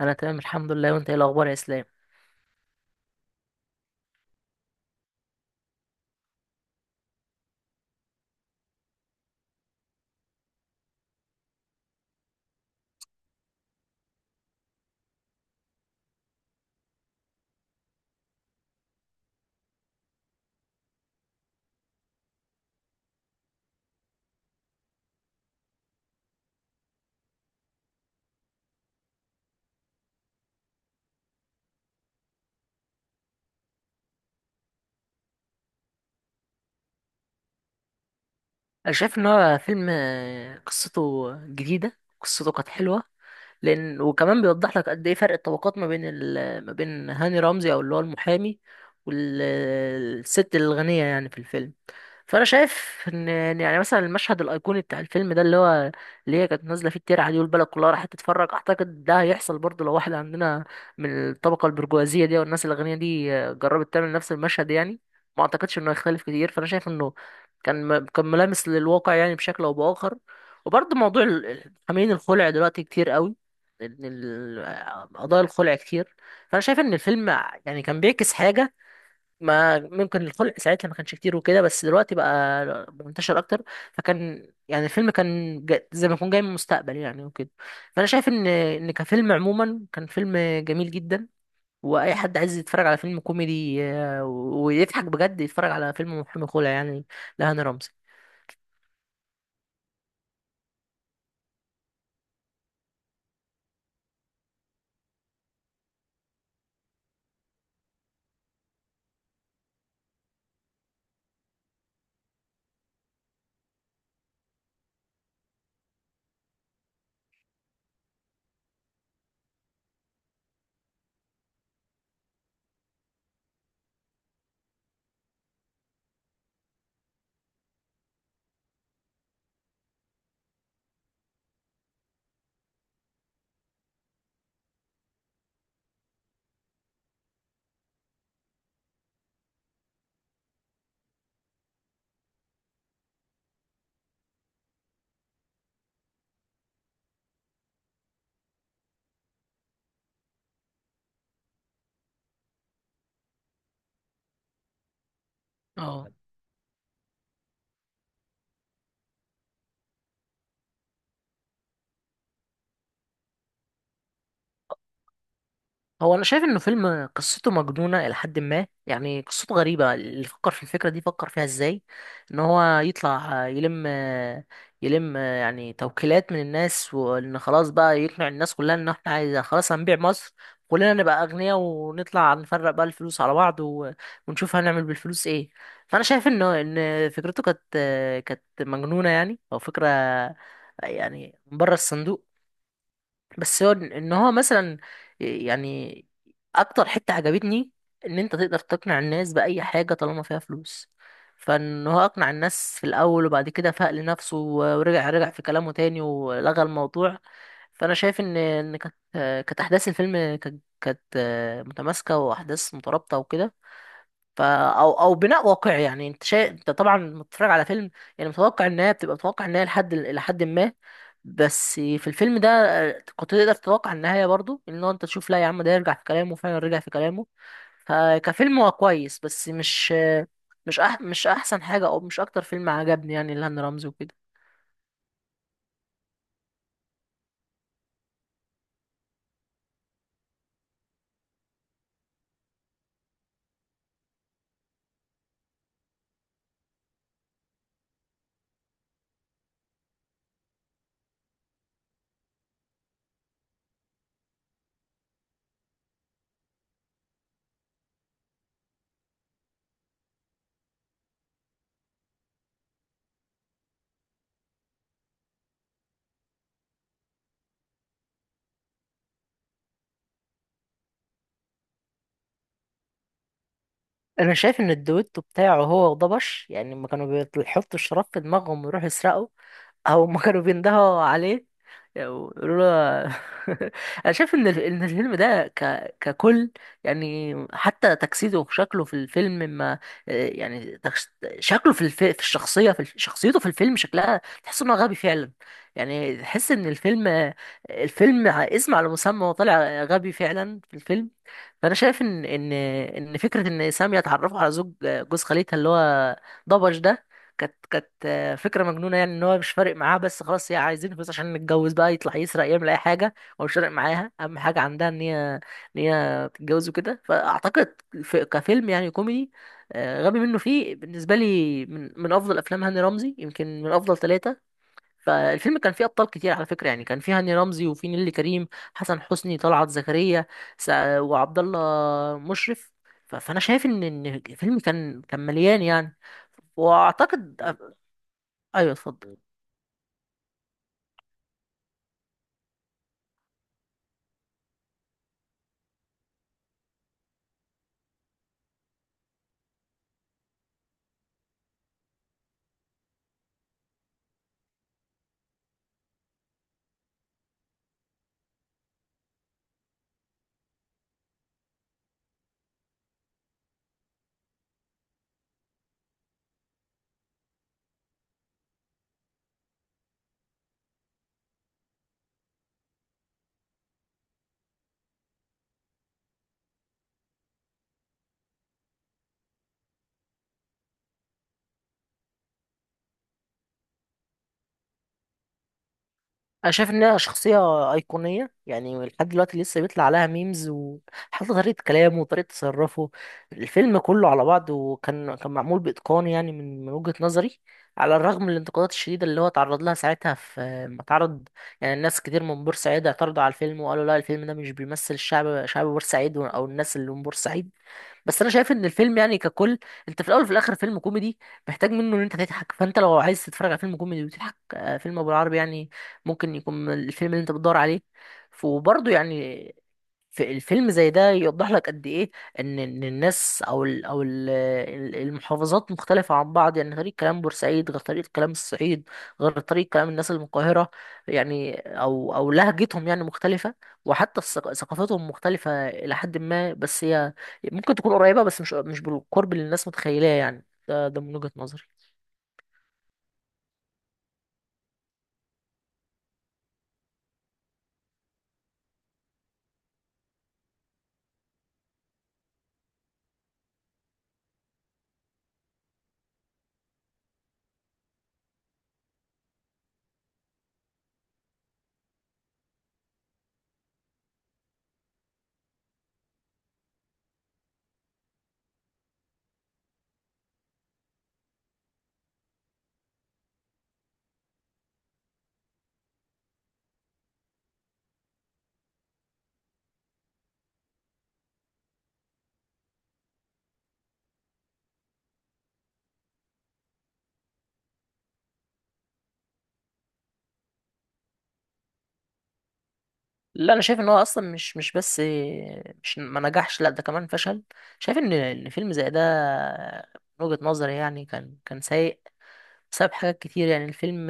انا تمام الحمد لله، وانت ايه الاخبار يا اسلام؟ انا شايف ان هو فيلم قصته جديده، قصته كانت حلوه، لان وكمان بيوضح لك قد ايه فرق الطبقات ما بين ما بين هاني رمزي او اللي هو المحامي والست الغنيه يعني في الفيلم. فانا شايف ان يعني مثلا المشهد الايقوني بتاع الفيلم ده اللي هي كانت نازله فيه الترعه دي والبلد كلها راحت تتفرج. اعتقد ده هيحصل برضه لو واحده عندنا من الطبقه البرجوازيه دي والناس الغنيه دي جربت تعمل نفس المشهد يعني، ما اعتقدش انه هيختلف كتير. فانا شايف انه كان ملامس للواقع يعني بشكل او باخر. وبرضه موضوع حاملين الخلع دلوقتي كتير قوي، إن قضايا الخلع كتير. فانا شايف ان الفيلم يعني كان بيعكس حاجه ما، ممكن الخلق ساعتها ما كانش كتير وكده، بس دلوقتي بقى منتشر اكتر. فكان يعني الفيلم زي ما يكون جاي من المستقبل يعني وكده. فانا شايف ان كفيلم عموما كان فيلم جميل جدا. واي حد عايز يتفرج على فيلم كوميدي ويضحك بجد يتفرج على فيلم محامي خلع يعني، لهاني رمزي. اه، هو انا شايف انه فيلم قصته مجنونه الى حد ما يعني، قصته غريبه. اللي فكر في الفكره دي فكر فيها ازاي؟ ان هو يطلع يلم يعني توكيلات من الناس، وان خلاص بقى يقنع الناس كلها ان احنا عايز خلاص هنبيع مصر، كلنا نبقى اغنياء ونطلع نفرق بقى الفلوس على بعض ونشوف هنعمل بالفلوس ايه. فانا شايف انه ان فكرته كانت مجنونه يعني، او فكره يعني بره الصندوق. بس هو ان هو مثلا، يعني اكتر حتة عجبتني ان انت تقدر تقنع الناس بأي حاجة طالما فيها فلوس. فان هو اقنع الناس في الاول، وبعد كده فاق لنفسه ورجع في كلامه تاني ولغى الموضوع. فانا شايف ان ان كانت كانت احداث الفيلم كانت متماسكة، واحداث مترابطة وكده. ف او بناء واقعي يعني. انت شايف انت طبعا لما بتتفرج على فيلم يعني متوقع النهايه، بتبقى متوقع النهايه لحد ما. بس في الفيلم ده كنت تقدر تتوقع النهايه برضو، ان هو انت تشوف لا يا عم ده يرجع في كلامه، فعلا رجع في كلامه. فكفيلم هو كويس، بس مش احسن حاجه، او مش اكتر فيلم عجبني يعني لهاني رمزي وكده. انا شايف ان الدويتو بتاعه هو وضبش، يعني لما كانوا بيحطوا الشراب في دماغهم ويروحوا يسرقوا، او ما كانوا بيندهوا عليه يقولوا له انا شايف ان الفيلم ده ككل، يعني حتى تجسيده وشكله في الفيلم ما، يعني شكله في في الشخصيه في شخصيته في الفيلم شكلها تحس انه غبي فعلا. يعني تحس ان الفيلم اسم على مسمى، وطلع غبي فعلا في الفيلم. فانا شايف ان فكره ان ساميه اتعرفوا على جوز خالتها اللي هو ضبج ده، كانت فكره مجنونه، يعني ان هو مش فارق معاها، بس خلاص هي عايزين فلوس عشان نتجوز، بقى يطلع يسرق يعمل اي حاجه. هو مش فارق معاها، اهم حاجه عندها ان هي تتجوز وكده. فاعتقد في كفيلم يعني كوميدي، غبي منه فيه بالنسبه لي من افضل افلام هاني رمزي، يمكن من افضل ثلاثه. فالفيلم كان فيه ابطال كتير على فكره يعني، كان فيه هاني رمزي، وفيه نيللي كريم، حسن حسني، طلعت زكريا، وعبد الله مشرف. فانا شايف ان الفيلم كان مليان يعني، واعتقد. ايوه اتفضل. انا شايف انها شخصيه ايقونيه يعني، لحد دلوقتي لسه بيطلع عليها ميمز، وحتى طريقه كلامه وطريقه تصرفه. الفيلم كله على بعضه كان معمول باتقان يعني من وجهه نظري. على الرغم من الانتقادات الشديده اللي هو تعرض لها ساعتها في ما تعرض. يعني الناس كتير من بورسعيد اعترضوا على الفيلم وقالوا لا، الفيلم ده مش بيمثل الشعب، شعب بورسعيد او الناس اللي من بورسعيد. بس انا شايف ان الفيلم يعني ككل، انت في الاول وفي الاخر فيلم كوميدي، محتاج منه ان انت تضحك. فانت لو عايز تتفرج على فيلم كوميدي وتضحك، فيلم ابو العربي يعني ممكن يكون من الفيلم اللي انت بتدور عليه. وبرضه يعني في الفيلم زي ده يوضح لك قد ايه ان الناس او ال المحافظات مختلفه عن بعض، يعني طريق كلام بورسعيد غير طريق كلام الصعيد، غير طريق كلام الناس اللي من القاهره. يعني او لهجتهم يعني مختلفه، وحتى ثقافتهم مختلفه الى حد ما. بس هي ممكن تكون قريبه، بس مش بالقرب اللي الناس متخيلاه يعني. ده من وجهه نظري. لا، انا شايف ان هو اصلا مش ما نجحش، لا ده كمان فشل. شايف ان فيلم زي ده من وجهة نظري يعني كان سيء، بسبب حاجات كتير يعني. الفيلم،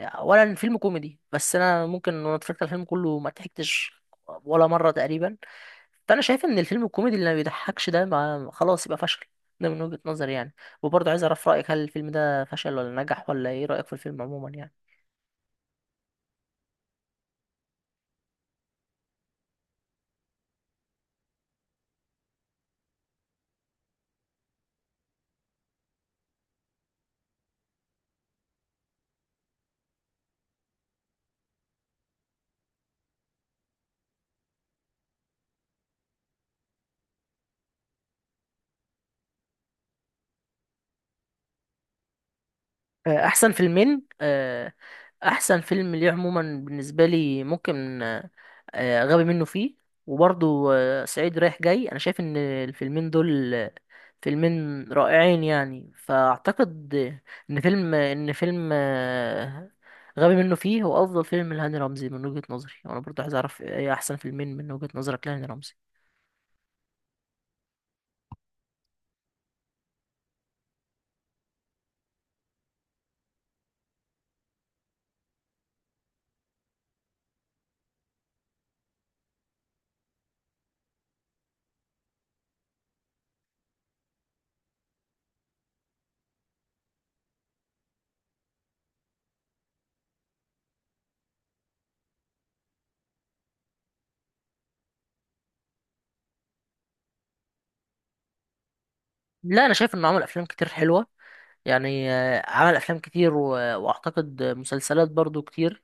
اولا الفيلم كوميدي، بس انا ممكن، وانا اتفرجت على الفيلم كله، ما ضحكتش ولا مرة تقريبا. فانا شايف ان الفيلم الكوميدي اللي ما بيضحكش ده، ما خلاص يبقى فشل، ده من وجهة نظري يعني. وبرضه عايز اعرف رأيك، هل الفيلم ده فشل ولا نجح، ولا ايه رأيك في الفيلم عموما يعني. احسن فيلمين، احسن فيلم ليه عموما بالنسبه لي ممكن غبي منه فيه، وبرضو صعيدي رايح جاي. انا شايف ان الفيلمين دول فيلمين رائعين يعني. فاعتقد ان فيلم غبي منه فيه هو افضل فيلم لهاني رمزي من وجهه نظري. وانا برضو عايز اعرف ايه احسن فيلمين من وجهه نظرك لهاني رمزي. لا، انا شايف انه عمل افلام كتير حلوه يعني، عمل افلام كتير، واعتقد مسلسلات برضو كتير.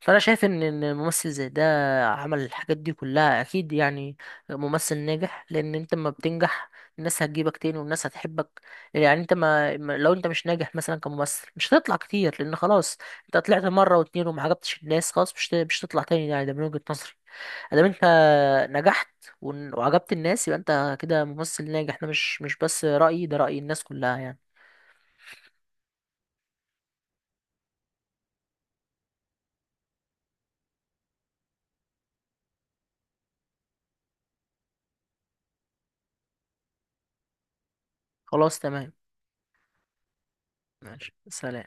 فانا شايف ان ممثل زي ده عمل الحاجات دي كلها، اكيد يعني ممثل ناجح. لان انت لما بتنجح الناس هتجيبك تاني والناس هتحبك. يعني انت لو انت مش ناجح مثلا كممثل مش هتطلع كتير، لان خلاص انت طلعت مره واتنين وما عجبتش الناس، خلاص مش تطلع تاني يعني. ده من وجهة نظري. ادام انت نجحت وعجبت الناس، يبقى انت كده ممثل ناجح. ده مش بس رأيي، ده رأي الناس كلها يعني. خلاص تمام. ماشي، سلام.